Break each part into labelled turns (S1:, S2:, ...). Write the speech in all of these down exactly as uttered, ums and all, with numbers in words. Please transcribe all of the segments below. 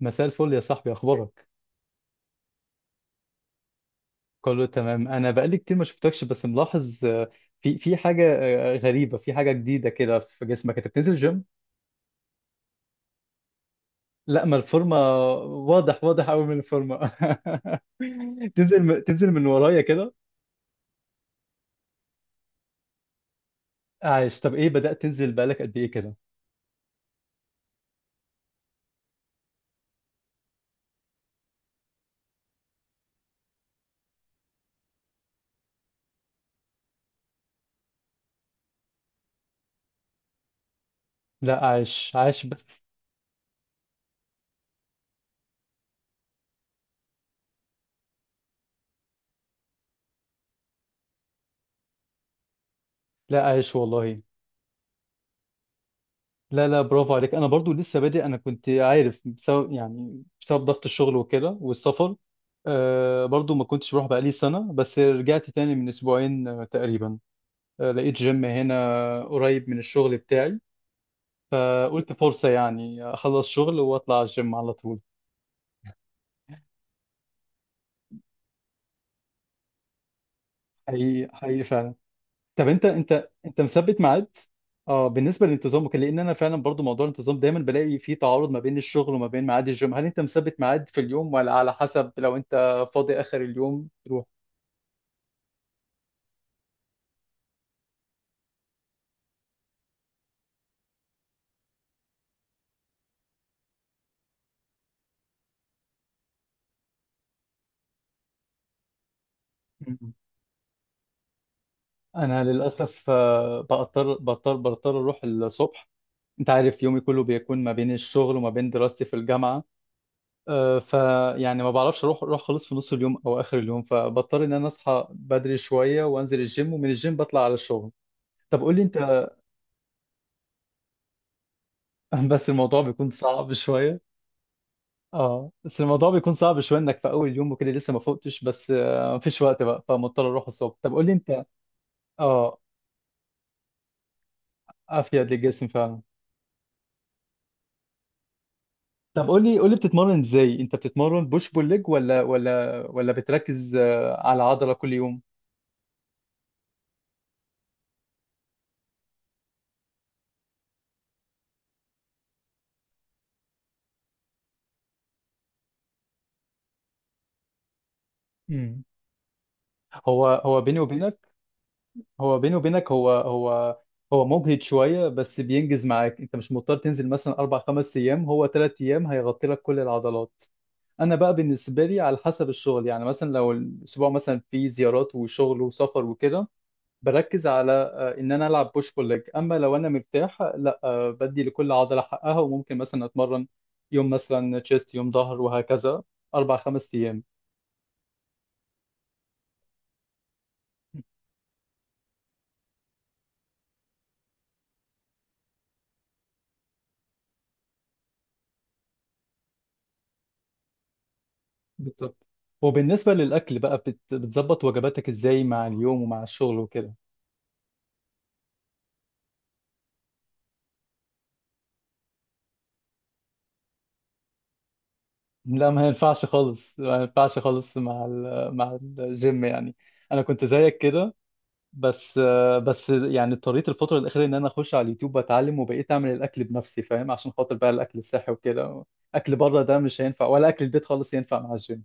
S1: مساء الفل يا صاحبي، اخبارك؟ كله تمام. انا بقالي كتير ما شفتكش، بس ملاحظ آه، في في حاجه. آه، غريبه، في حاجه جديده كده في جسمك، انت بتنزل جيم؟ لا، ما الفورمه واضح، واضح قوي من الفورمه. تنزل تنزل من ورايا كده. عايش؟ طب ايه، بدأت تنزل بقالك قد ايه كده؟ لا عايش، عايش ب... لا عايش والله. لا لا برافو عليك. انا برضو لسه بادئ. انا كنت عارف بسبب يعني بسبب ضغط الشغل وكده والسفر. آه برضو ما كنتش بروح بقالي سنة، بس رجعت تاني من اسبوعين آه، تقريبا. آه لقيت جيم هنا قريب من الشغل بتاعي. آه قلت فرصة يعني اخلص شغل واطلع على الجيم على طول. حقيقي حقيقي فعلا. طب انت، انت انت مثبت ميعاد؟ اه بالنسبه للانتظام وكده، لان انا فعلا برضو موضوع الانتظام دايما بلاقي فيه تعارض ما بين الشغل وما بين ميعاد الجيم. هل انت مثبت ميعاد في اليوم، ولا على حسب لو انت فاضي اخر اليوم تروح؟ مم. انا للاسف آه، بضطر بضطر بضطر اروح الصبح. انت عارف يومي كله بيكون ما بين الشغل وما بين دراستي في الجامعه. آه، فيعني ما بعرفش اروح، اروح خالص في نص اليوم او اخر اليوم، فبضطر ان انا اصحى بدري شويه وانزل الجيم، ومن الجيم بطلع على الشغل. طب قول لي انت. بس الموضوع بيكون صعب شوية. اه بس الموضوع بيكون صعب شوية، انك في اول يوم وكده لسه ما فوقتش، بس آه، مفيش وقت بقى فمضطر اروح الصبح. طب قول لي انت. اه افيد للجسم فعلا. طب قول لي، قول لي بتتمرن ازاي، انت بتتمرن بوش بول ليج ولا ولا ولا بتركز آه، على عضلة كل يوم؟ امم. هو هو بيني وبينك. هو بيني وبينك، هو هو هو مجهد شوية بس بينجز معاك. انت مش مضطر تنزل مثلا اربع خمس ايام، هو ثلاث ايام هيغطي لك كل العضلات. انا بقى بالنسبه لي على حسب الشغل، يعني مثلا لو الاسبوع مثلا فيه زيارات وشغل وسفر وكده بركز على آه، ان انا العب بوش بول ليج. اما لو انا مرتاح لا، آه، بدي لكل عضله حقها، وممكن مثلا اتمرن يوم مثلا تشيست يوم ظهر وهكذا، اربع خمس ايام. بالظبط. وبالنسبه للاكل بقى، بت- بتظبط وجباتك ازاي مع اليوم ومع الشغل وكده؟ لا ما ينفعش خالص، ما ينفعش خالص مع ال- مع الجيم يعني. انا كنت زيك كده، بس آه، بس يعني اضطريت الفترة الأخيرة إن أنا أخش على اليوتيوب وأتعلم، وبقيت أعمل الأكل بنفسي فاهم، عشان خاطر بقى الأكل الصحي وكده. أكل بره ده مش هينفع، ولا أكل البيت خالص ينفع مع الجيم.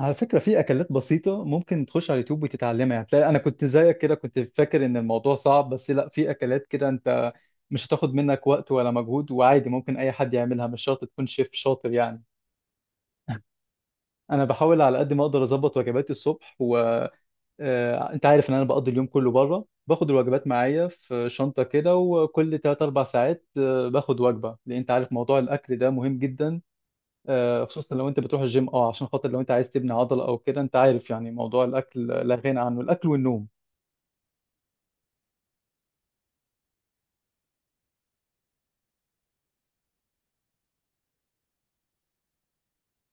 S1: على فكرة في أكلات بسيطة ممكن تخش على اليوتيوب وتتعلمها يعني، تلاقي أنا كنت زيك كده كنت فاكر إن الموضوع صعب، بس لا، في أكلات كده أنت مش هتاخد منك وقت ولا مجهود، وعادي ممكن أي حد يعملها، مش شرط تكون شيف شاطر يعني. أنا بحاول على قد ما أقدر أظبط وجباتي الصبح و... آه، انت عارف ان انا بقضي اليوم كله بره، باخد الوجبات معايا في شنطه كده، وكل ثلاث اربع ساعات آه، باخد وجبه، لان انت عارف موضوع الاكل ده مهم جدا. آه، خصوصا لو انت بتروح الجيم، اه عشان خاطر لو انت عايز تبني عضله او كده، انت عارف يعني موضوع الاكل لا غنى عنه، الاكل والنوم.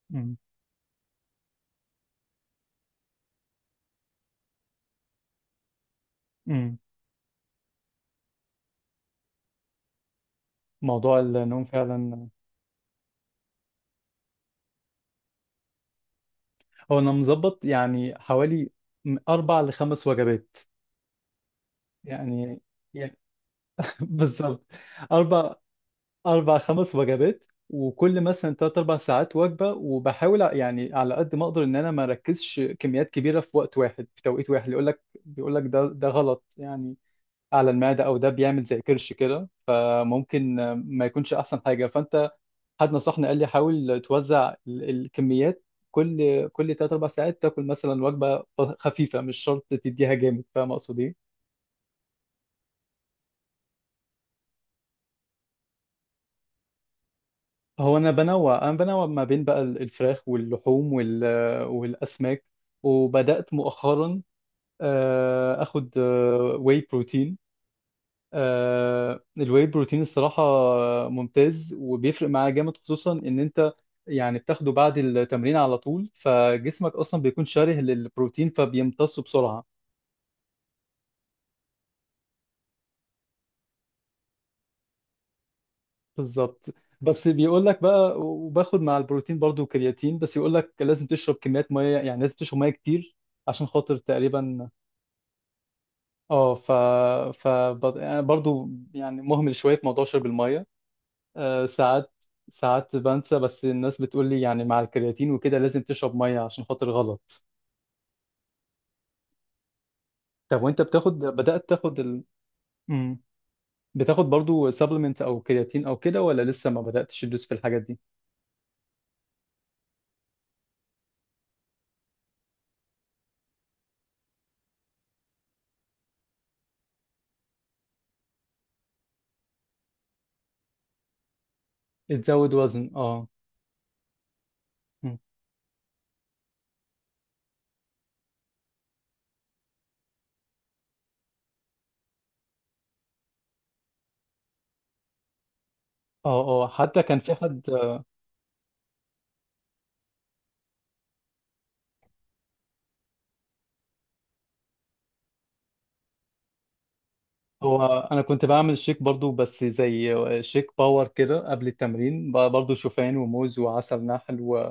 S1: مم. مم. موضوع النوم فعلا. هو انا مظبط يعني حوالي من اربع لخمس وجبات. يعني، يعني بالظبط. اربع، أربع خمس وجبات، وكل مثلا تلات أربع ساعات وجبة، وبحاول ع- يعني على قد ما أقدر إن أنا ما أركزش كميات كبيرة في وقت واحد في توقيت واحد. يقول لك، بيقول لك ده ده غلط يعني على المعدة، أو ده بيعمل زي كرش كده، فممكن آه، ما يكونش أحسن حاجة. فأنت، حد نصحني قال لي حاول توزع ال- الكميات، كل كل تلات أربع ساعات تاكل مثلا وجبة خفيفة، مش شرط تديها جامد، فاهم أقصد إيه؟ هو انا بنوع، انا بنوع ما بين بقى ال- الفراخ واللحوم وال- والاسماك. وبدات مؤخرا آه، اخد واي بروتين. الواي بروتين الصراحه ممتاز، وبيفرق معاه جامد، خصوصا ان انت يعني بتاخده بعد التمرين على طول، فجسمك اصلا بيكون شره للبروتين فبيمتصه بسرعه. بالظبط. بس بيقول لك بقى، وباخد مع البروتين برضو كرياتين، بس يقول لك لازم تشرب كميات ميه، يعني لازم تشرب ميه كتير عشان خاطر تقريبا. اه ف ف بط- يعني برضو يعني مهمل شويه في موضوع شرب الميه. آه، ساعات، ساعات بنسى، بس الناس بتقول لي يعني مع الكرياتين وكده لازم تشرب ميه عشان خاطر غلط. طب وانت بتاخد، بدأت تاخد ال... مم. بتاخد برضو سبلمنت او كرياتين او كده، ولا لسه ما بدأتش تدوس في الحاجات دي؟ تزود وزن اه. مم. اه، اه حتى كان في حد. هو انا كنت بعمل شيك برضو بس زي شيك باور كده قبل التمرين ب- برضو شوفان وموز وعسل نحل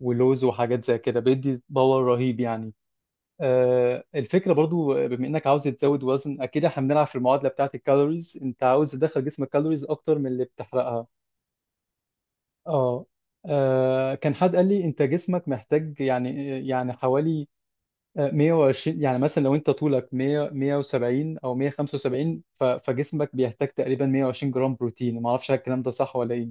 S1: ولوز وحاجات زي كده، بيدي باور رهيب يعني. آه، الفكره برضو بما انك عاوز تزود وزن، اكيد احنا بنلعب في المعادله بتاعت الكالوريز، انت عاوز تدخل جسمك كالوريز اكتر من اللي بتحرقها. اه. آه، كان حد قال لي انت جسمك محتاج يعني، يعني حوالي آه، مائة وعشرين. يعني مثلا لو انت طولك مية مية وسبعين او مية وخمسة وسبعين، ف- فجسمك بيحتاج تقريبا مية وعشرين جرام بروتين. ما اعرفش الكلام ده صح ولا ايه.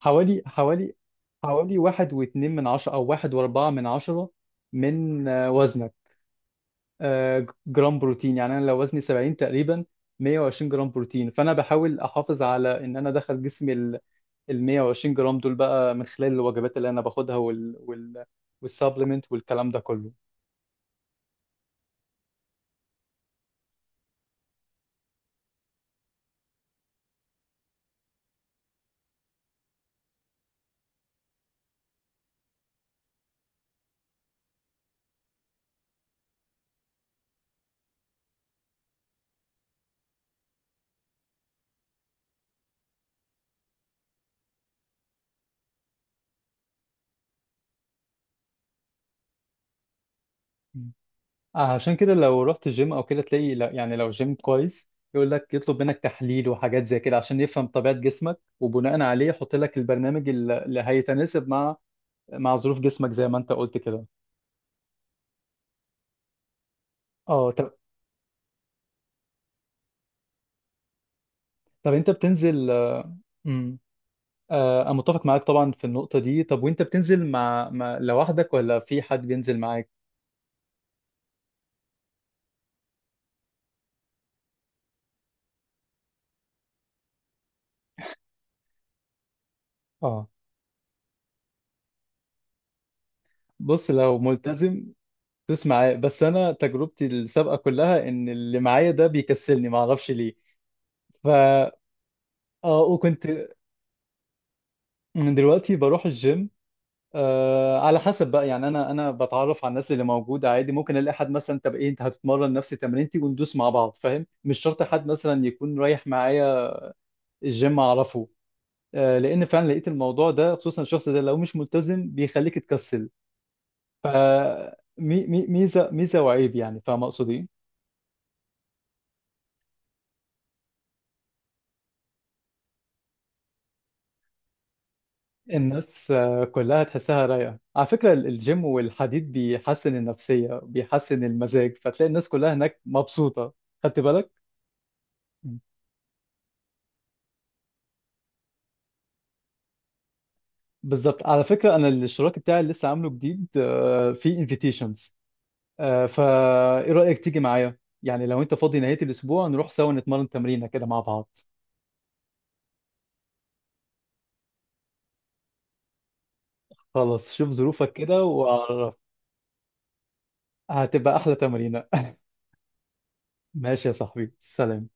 S1: حوالي، حوالي حوالي واحد واتنين من عشرة أو واحد وأربعة من عشرة من آه، وزنك آه، جرام بروتين. يعني أنا لو وزني سبعين تقريبا، مية وعشرين جرام بروتين، فأنا بحاول أحافظ على إن أنا أدخل جسمي ال ال مية وعشرين جرام دول بقى من خلال الوجبات اللي أنا باخدها وال وال والسبلمنت والكلام ده كله. عشان كده لو رحت جيم او كده تلاقي لو- يعني لو جيم كويس يقول لك، يطلب منك تحليل وحاجات زي كده عشان يفهم طبيعة جسمك، وبناء عليه يحط لك البرنامج الل- اللي هيتناسب مع، مع ظروف جسمك زي ما انت قلت كده. اه طب. طب انت بتنزل. امم. آه انا متفق معاك طبعا في النقطة دي. طب وانت بتنزل مع, مع لوحدك ولا في حد بينزل معاك؟ اه بص لو ملتزم تدوس معاه، بس انا تجربتي السابقة كلها ان اللي معايا ده بيكسلني، ما اعرفش ليه. ف اه وكنت. أنا دلوقتي بروح الجيم آه على حسب بقى، يعني انا انا بتعرف على الناس اللي موجوده عادي، ممكن الاقي حد مثلا طب ايه انت هتتمرن نفس تمرينتي وندوس مع بعض، فاهم؟ مش شرط حد مثلا يكون رايح معايا الجيم اعرفه. آه لان فعلا لقيت الموضوع ده، خصوصا الشخص ده لو مش ملتزم بيخليك تكسل. مي مي ميزه، ميزه وعيب يعني، فاهم اقصد ايه؟ الناس آه، كلها تحسها رايقه على فكره. ال- الجيم والحديد بيحسن النفسيه، بيحسن المزاج، فتلاقي الناس كلها هناك مبسوطه. خدت بالك. بالظبط. على فكرة أنا الاشتراك بتاعي اللي لسه عامله جديد آه، فيه انفيتيشنز، فا إيه رأيك تيجي معايا؟ يعني لو أنت فاضي نهاية الأسبوع نروح سوا نتمرن تمرينة كده مع بعض. خلاص شوف ظروفك كده وأعرف. هتبقى أحلى تمرينة. ماشي يا صاحبي، سلام.